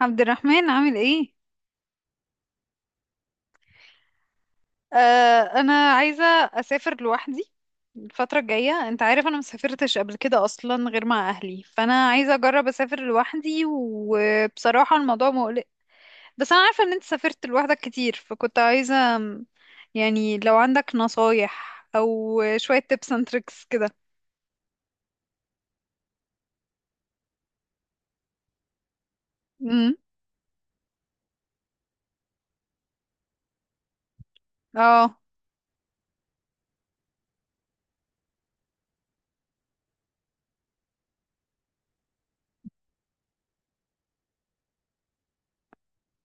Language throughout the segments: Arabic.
عبد الرحمن، عامل ايه؟ آه، انا عايزه اسافر لوحدي الفتره الجايه. انت عارف انا مسافرتش قبل كده اصلا غير مع اهلي، فانا عايزه اجرب اسافر لوحدي، وبصراحه الموضوع مقلق. بس انا عارفه ان انت سافرت لوحدك كتير، فكنت عايزه يعني لو عندك نصايح او شويه tips and tricks كده. امم. اه.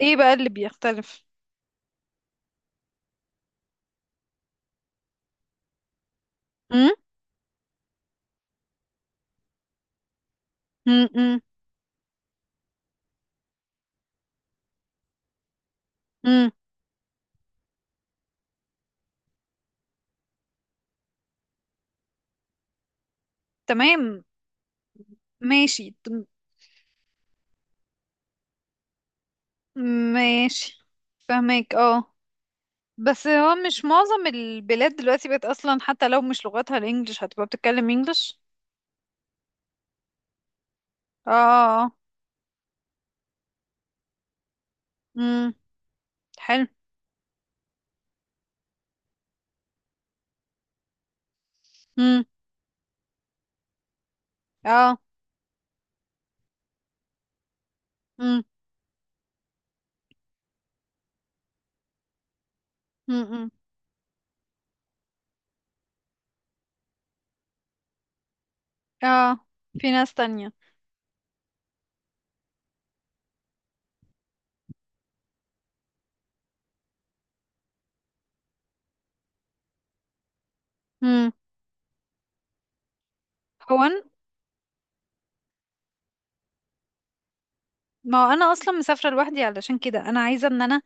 ايه بقى اللي بيختلف؟ امم. امم. امم. تمام. ماشي ماشي. فهمك، اه. بس هو مش معظم البلاد دلوقتي بقت اصلا حتى لو مش لغتها الانجليش هتبقى بتتكلم انجليش؟ اه، اه، اه. امم، حلو. امم. اه. امم. امم. اه، في ناس تانية. امم. هو أنا- ما هو انا اصلا مسافرة لوحدي، علشان كده انا عايزة ان انا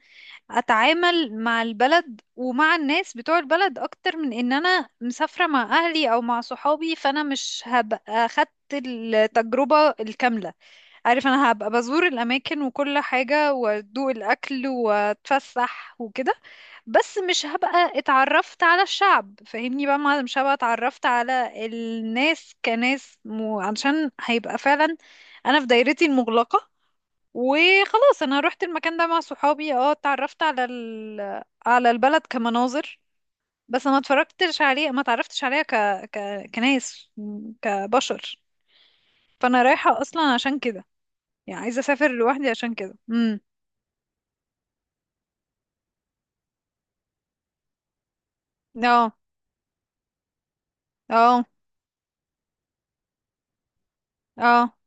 اتعامل مع البلد ومع الناس بتوع البلد اكتر من ان انا مسافرة مع اهلي او مع صحابي، فانا مش هبقى خدت التجربة الكاملة. عارف، انا هبقى بزور الاماكن وكل حاجة وادوق الاكل واتفسح وكده، بس مش هبقى اتعرفت على الشعب. فاهمني بقى، ما مش هبقى اتعرفت على الناس كناس، مو عشان هيبقى فعلا انا في دايرتي المغلقة وخلاص. انا روحت المكان ده مع صحابي، اه، اتعرفت على على البلد كمناظر، بس ما اتفرجتش عليه، ما اتعرفتش عليها كناس، كبشر. فانا رايحة اصلا عشان كده، يعني عايزة اسافر لوحدي عشان كده. امم. اه، اه. اه.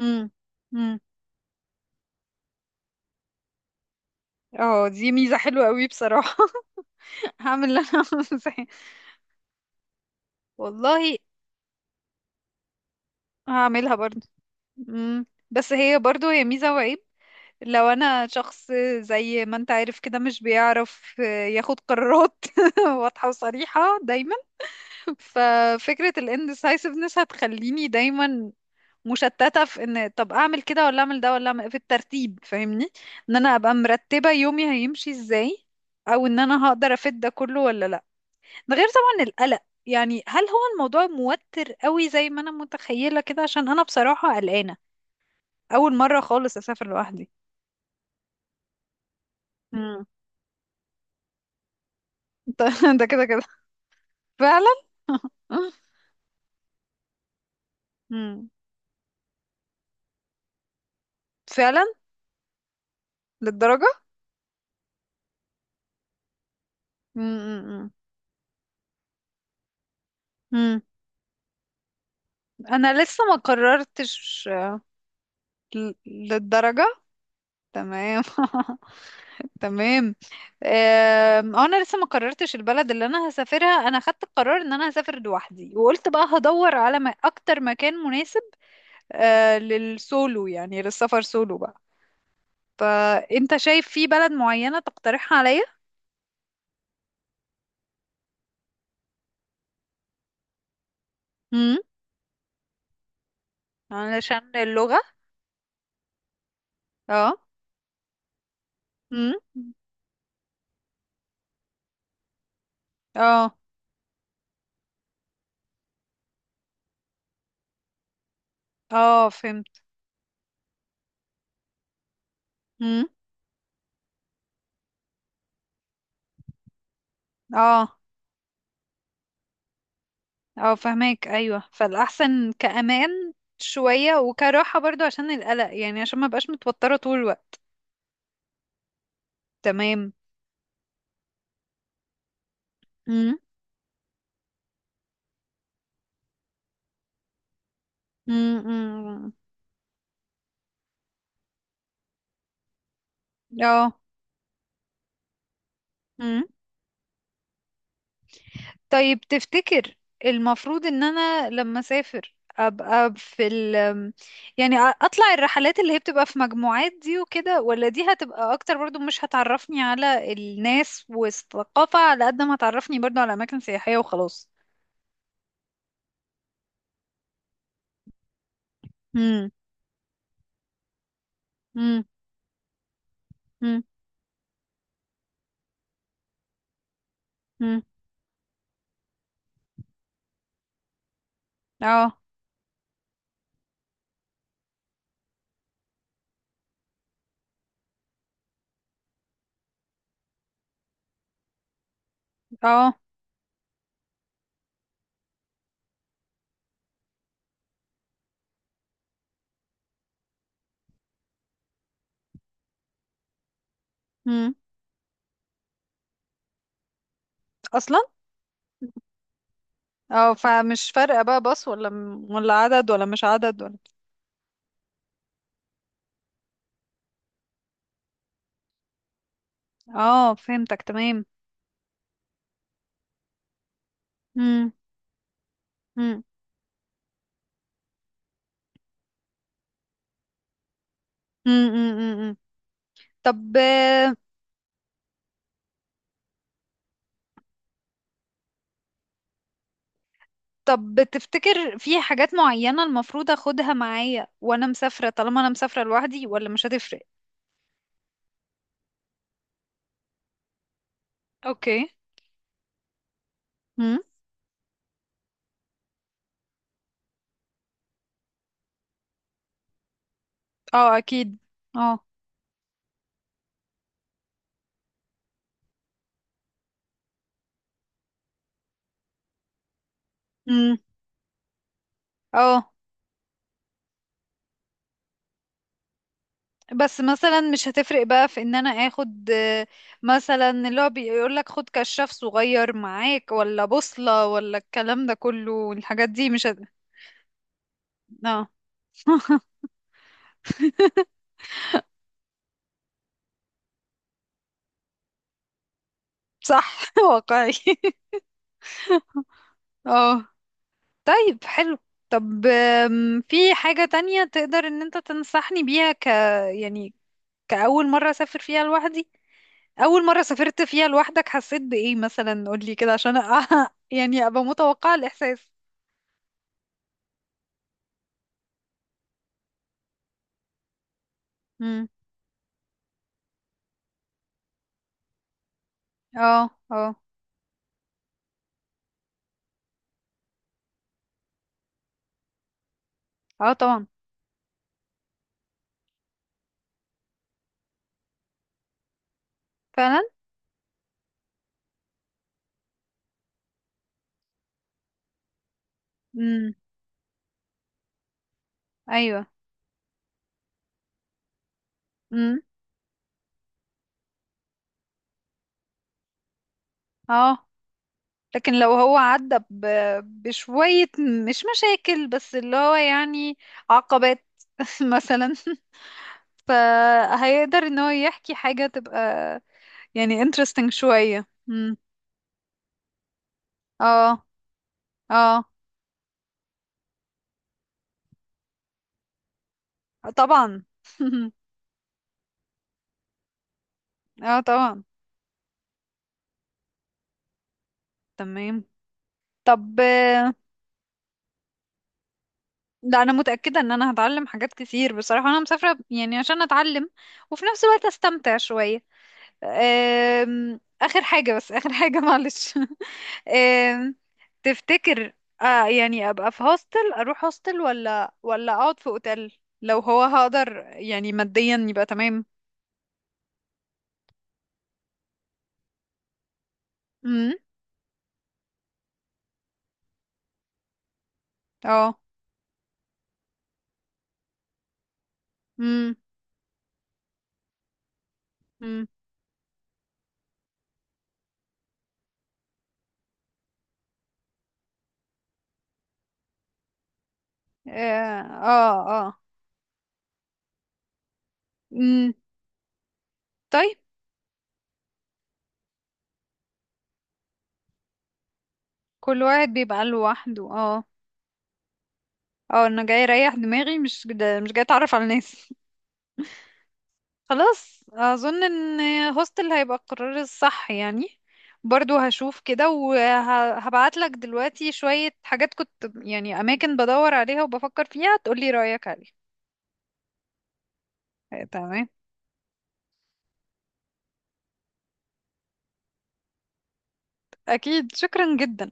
امم. امم. اه، دي ميزة حلوة قوي بصراحة. هعمل اللي انا عاوزاه. والله هعملها برضو. امم، بس هي برضو هي ميزة وعيب. لو انا شخص زي ما انت عارف كده مش بيعرف ياخد قرارات واضحة وصريحة دايما، ففكرة ال indecisiveness هتخليني دايما مشتتة في ان طب اعمل كده ولا اعمل ده ولا اعمل في الترتيب. فاهمني، ان انا ابقى مرتبة يومي هيمشي ازاي، او ان انا هقدر افيد ده كله ولا لا. ده غير طبعا القلق، يعني هل هو الموضوع موتر قوي زي ما انا متخيلة كده؟ عشان انا بصراحة قلقانة، اول مرة خالص اسافر لوحدي. امم. ده كده كده. فعلا. مم. فعلا. للدرجة؟ مم. مم. مم. انا لسه ما قررتش. للدرجة؟ تمام. تمام. آم، آه، انا لسه ما قررتش البلد اللي انا هسافرها. انا خدت القرار ان انا هسافر لوحدي، وقلت بقى هدور على ما اكتر مكان مناسب للسولو، يعني للسفر سولو بقى. فانت شايف في بلد معينة تقترحها عليا؟ امم، علشان اللغة. اه. امم. اه. اه، فهمت. امم. اه. اه، فهماك. ايوه، فالاحسن كامان شويه وكراحه برضو عشان القلق، يعني عشان ما بقاش متوتره طول الوقت. تمام. امم. امم. اه. امم. طيب تفتكر المفروض ان انا لما اسافر ابقى في ال، اطلع الرحلات اللي هي بتبقى في مجموعات دي وكده، ولا دي هتبقى اكتر برضو مش هتعرفني على الناس والثقافه على قد ما هتعرفني برضو على اماكن سياحيه وخلاص؟ امم. امم. امم. اه. اه. امم، اصلا. اه، فمش فارقة بقى باص ولا عدد ولا مش عدد ولا. اه، فهمتك. تمام. امم. امم. امم. امم. أمم. طب. طب تفتكر في حاجات معينة المفروض اخدها معايا وانا مسافرة، طالما انا مسافرة لوحدي، ولا مش هتفرق؟ اوكي. امم. اه، اكيد. اه. امم. اه، بس مثلا مش هتفرق بقى في ان انا اخد مثلا اللي هو بيقول لك خد كشاف صغير معاك ولا بوصلة، ولا الكلام ده كله، والحاجات دي مش اه. صح. واقعي. اه. طيب حلو. طب في حاجة تانية تقدر ان انت تنصحني بيها ك، يعني كأول مرة اسافر فيها لوحدي؟ اول مرة سافرت فيها لوحدك حسيت بإيه مثلا؟ قولي كده عشان يعني ابقى متوقعة الاحساس. امم. اه، اه، اه، طبعا. فعلا. امم. ايوه. امم. اه، لكن لو هو عدى بشوية مش مشاكل، بس اللي هو يعني عقبات، مثلا، فهيقدر ان هو يحكي حاجة تبقى يعني interesting شوية. امم. اه. اه، طبعا. اه، طبعا. تمام. طب. لا، انا متأكدة ان انا هتعلم حاجات كتير بصراحة. انا مسافرة يعني عشان اتعلم، وفي نفس الوقت استمتع شوية. آخر حاجة، بس آخر حاجة، معلش. أم، تفتكر يعني أبقى في هوستل، أروح هوستل، ولا ولا أقعد في أوتيل لو هو هقدر يعني ماديا يبقى تمام؟ امم. اه. امم. امم. اه. اه. آه. امم. طيب. كل واحد بيبقى لوحده، اه. اه، انا جاي اريح دماغي، مش مش جاي اتعرف على الناس. خلاص، اظن ان هوستل هيبقى القرار الصح يعني. برضو هشوف كده وهبعت لك دلوقتي شوية حاجات كنت يعني اماكن بدور عليها وبفكر فيها، تقولي رأيك عليها. تمام. اكيد، شكرا جدا.